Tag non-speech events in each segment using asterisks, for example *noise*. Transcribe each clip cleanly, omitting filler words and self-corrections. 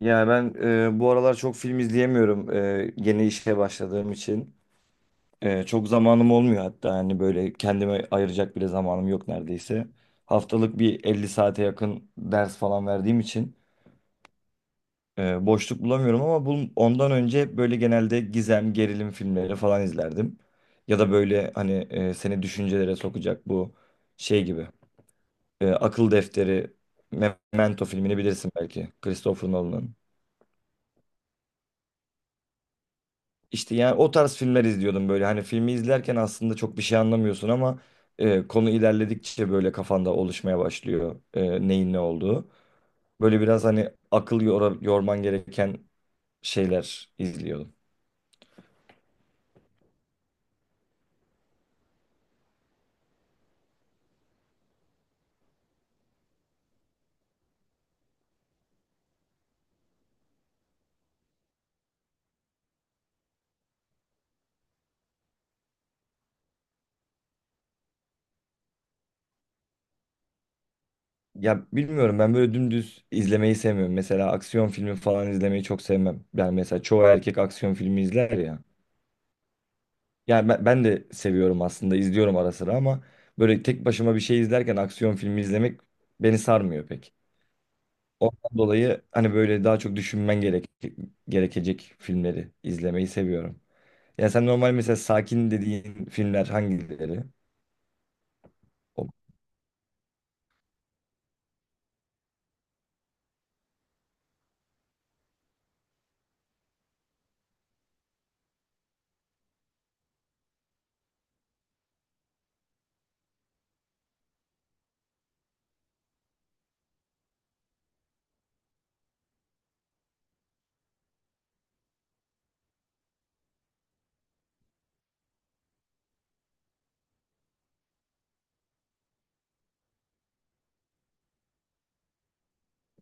Yani ben bu aralar çok film izleyemiyorum, yeni işe başladığım için. Çok zamanım olmuyor, hatta hani böyle kendime ayıracak bile zamanım yok neredeyse. Haftalık bir 50 saate yakın ders falan verdiğim için boşluk bulamıyorum ama bu, ondan önce hep böyle genelde gizem, gerilim filmleri falan izlerdim. Ya da böyle hani seni düşüncelere sokacak bu şey gibi. Akıl Defteri, Memento filmini bilirsin belki. Christopher Nolan'ın. İşte yani o tarz filmler izliyordum böyle. Hani filmi izlerken aslında çok bir şey anlamıyorsun ama konu ilerledikçe böyle kafanda oluşmaya başlıyor neyin ne olduğu. Böyle biraz hani yorman gereken şeyler izliyordum. Ya bilmiyorum, ben böyle dümdüz izlemeyi sevmiyorum. Mesela aksiyon filmi falan izlemeyi çok sevmem. Yani mesela çoğu erkek aksiyon filmi izler ya. Yani ben de seviyorum aslında, izliyorum ara sıra ama böyle tek başıma bir şey izlerken aksiyon filmi izlemek beni sarmıyor pek. Ondan dolayı hani böyle daha çok düşünmen gerek gerekecek filmleri izlemeyi seviyorum. Yani sen normal mesela sakin dediğin filmler hangileri? O-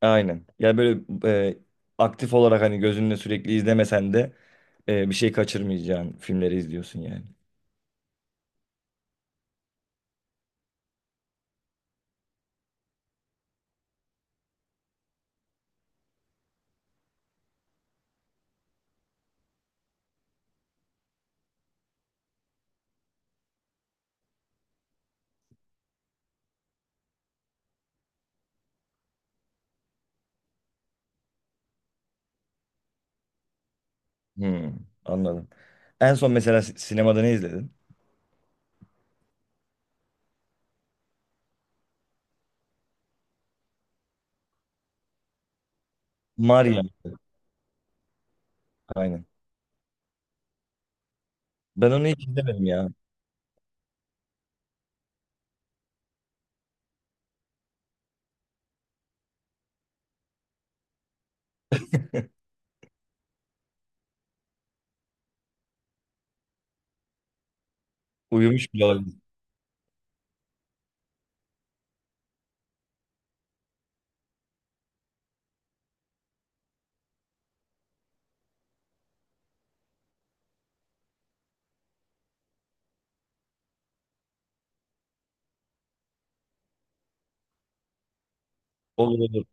Aynen. Yani böyle e, aktif olarak hani gözünle sürekli izlemesen de bir şey kaçırmayacağın filmleri izliyorsun yani. Hmm, anladım. En son mesela sinemada ne izledin? Maria. Aynen. Ben onu hiç izlemedim ya. Uyumuş bile olabilir. Olur olur.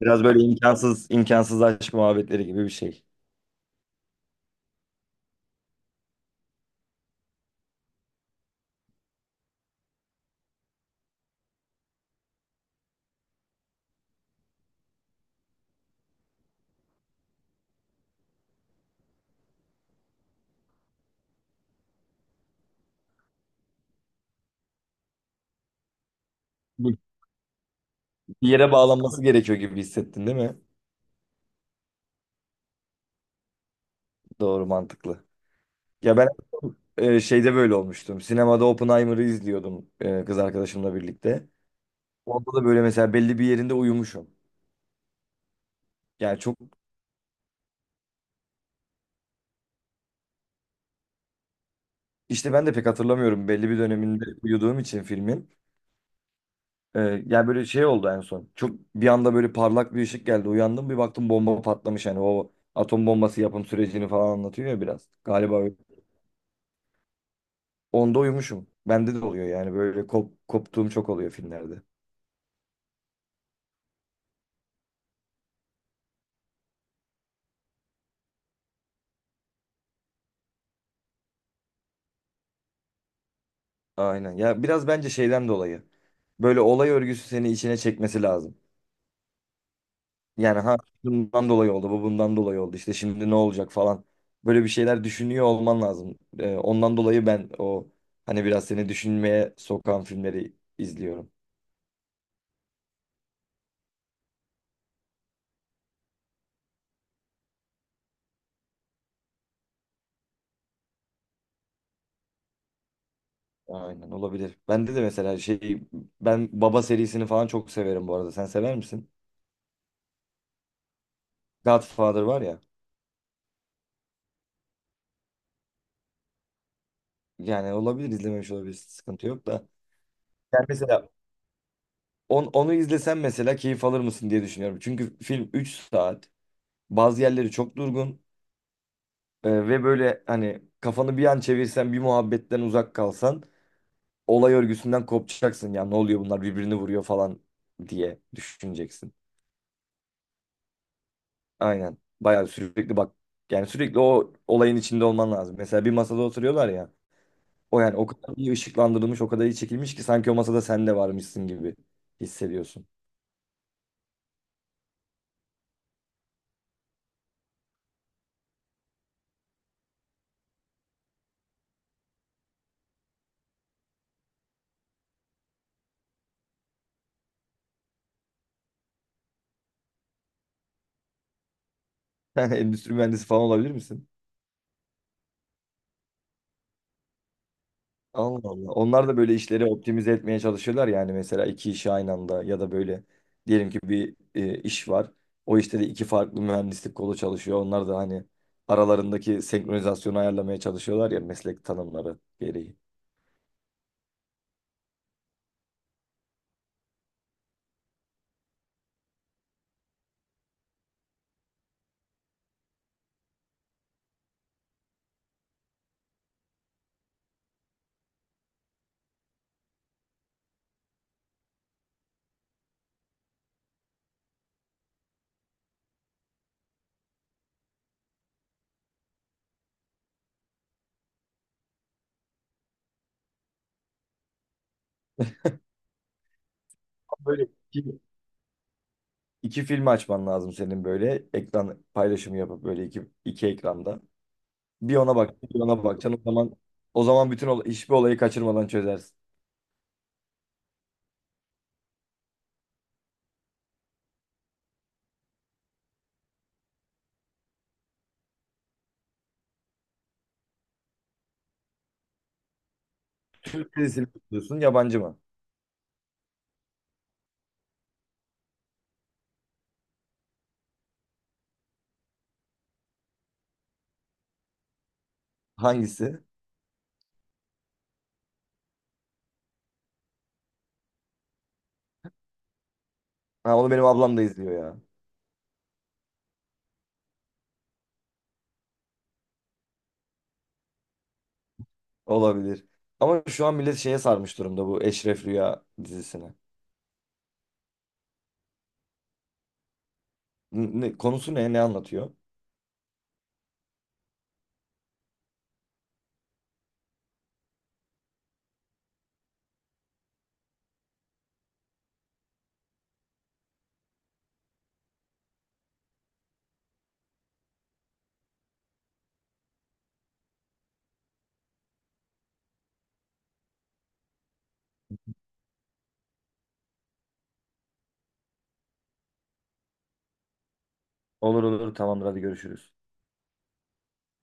Biraz böyle imkansız imkansız aşk muhabbetleri gibi bir şey. Bir yere bağlanması gerekiyor gibi hissettin değil mi? Doğru, mantıklı. Ya ben şeyde böyle olmuştum. Sinemada Oppenheimer'ı izliyordum, kız arkadaşımla birlikte. Onda da böyle mesela belli bir yerinde uyumuşum. Yani çok işte ben de pek hatırlamıyorum, belli bir döneminde uyuduğum için filmin. E, Yani böyle şey oldu en son. Çok bir anda böyle parlak bir ışık geldi. Uyandım, bir baktım bomba patlamış. Hani o atom bombası yapım sürecini falan anlatıyor ya biraz. Galiba öyle. Onda uyumuşum. Bende de oluyor yani, böyle koptuğum çok oluyor filmlerde. Aynen. Ya biraz bence şeyden dolayı. Böyle olay örgüsü seni içine çekmesi lazım. Yani ha, bundan dolayı oldu, bu bundan dolayı oldu. İşte şimdi ne olacak falan. Böyle bir şeyler düşünüyor olman lazım. Ondan dolayı ben o hani biraz seni düşünmeye sokan filmleri izliyorum. Aynen, olabilir. Bende de mesela şey, ben Baba serisini falan çok severim bu arada. Sen sever misin? Godfather var ya. Yani olabilir, izlememiş olabilir. Sıkıntı yok da. Yani mesela onu izlesen mesela keyif alır mısın diye düşünüyorum. Çünkü film 3 saat. Bazı yerleri çok durgun ve böyle hani kafanı bir an çevirsen, bir muhabbetten uzak kalsan olay örgüsünden kopacaksın. Ya ne oluyor, bunlar birbirini vuruyor falan diye düşüneceksin. Aynen. Bayağı sürekli bak, yani sürekli o olayın içinde olman lazım. Mesela bir masada oturuyorlar ya. O yani o kadar iyi ışıklandırılmış, o kadar iyi çekilmiş ki sanki o masada sen de varmışsın gibi hissediyorsun. *laughs* Yani endüstri mühendisi falan olabilir misin? Allah Allah. Onlar da böyle işleri optimize etmeye çalışıyorlar, yani mesela iki işi aynı anda ya da böyle diyelim ki bir iş var. O işte de iki farklı mühendislik kolu çalışıyor. Onlar da hani aralarındaki senkronizasyonu ayarlamaya çalışıyorlar ya, meslek tanımları gereği. Böyle iki film açman lazım senin, böyle ekran paylaşımı yapıp böyle iki ekranda. Bir ona bak, bir ona bakacaksın. O zaman hiçbir olayı kaçırmadan çözersin. Türk dizisi mi izliyorsun, yabancı mı? Hangisi? Ha, onu benim ablam da izliyor ya. Olabilir. Ama şu an millet şeye sarmış durumda, bu Eşref Rüya dizisine. Konusu ne? Ne anlatıyor? Olur olur, tamamdır, hadi görüşürüz.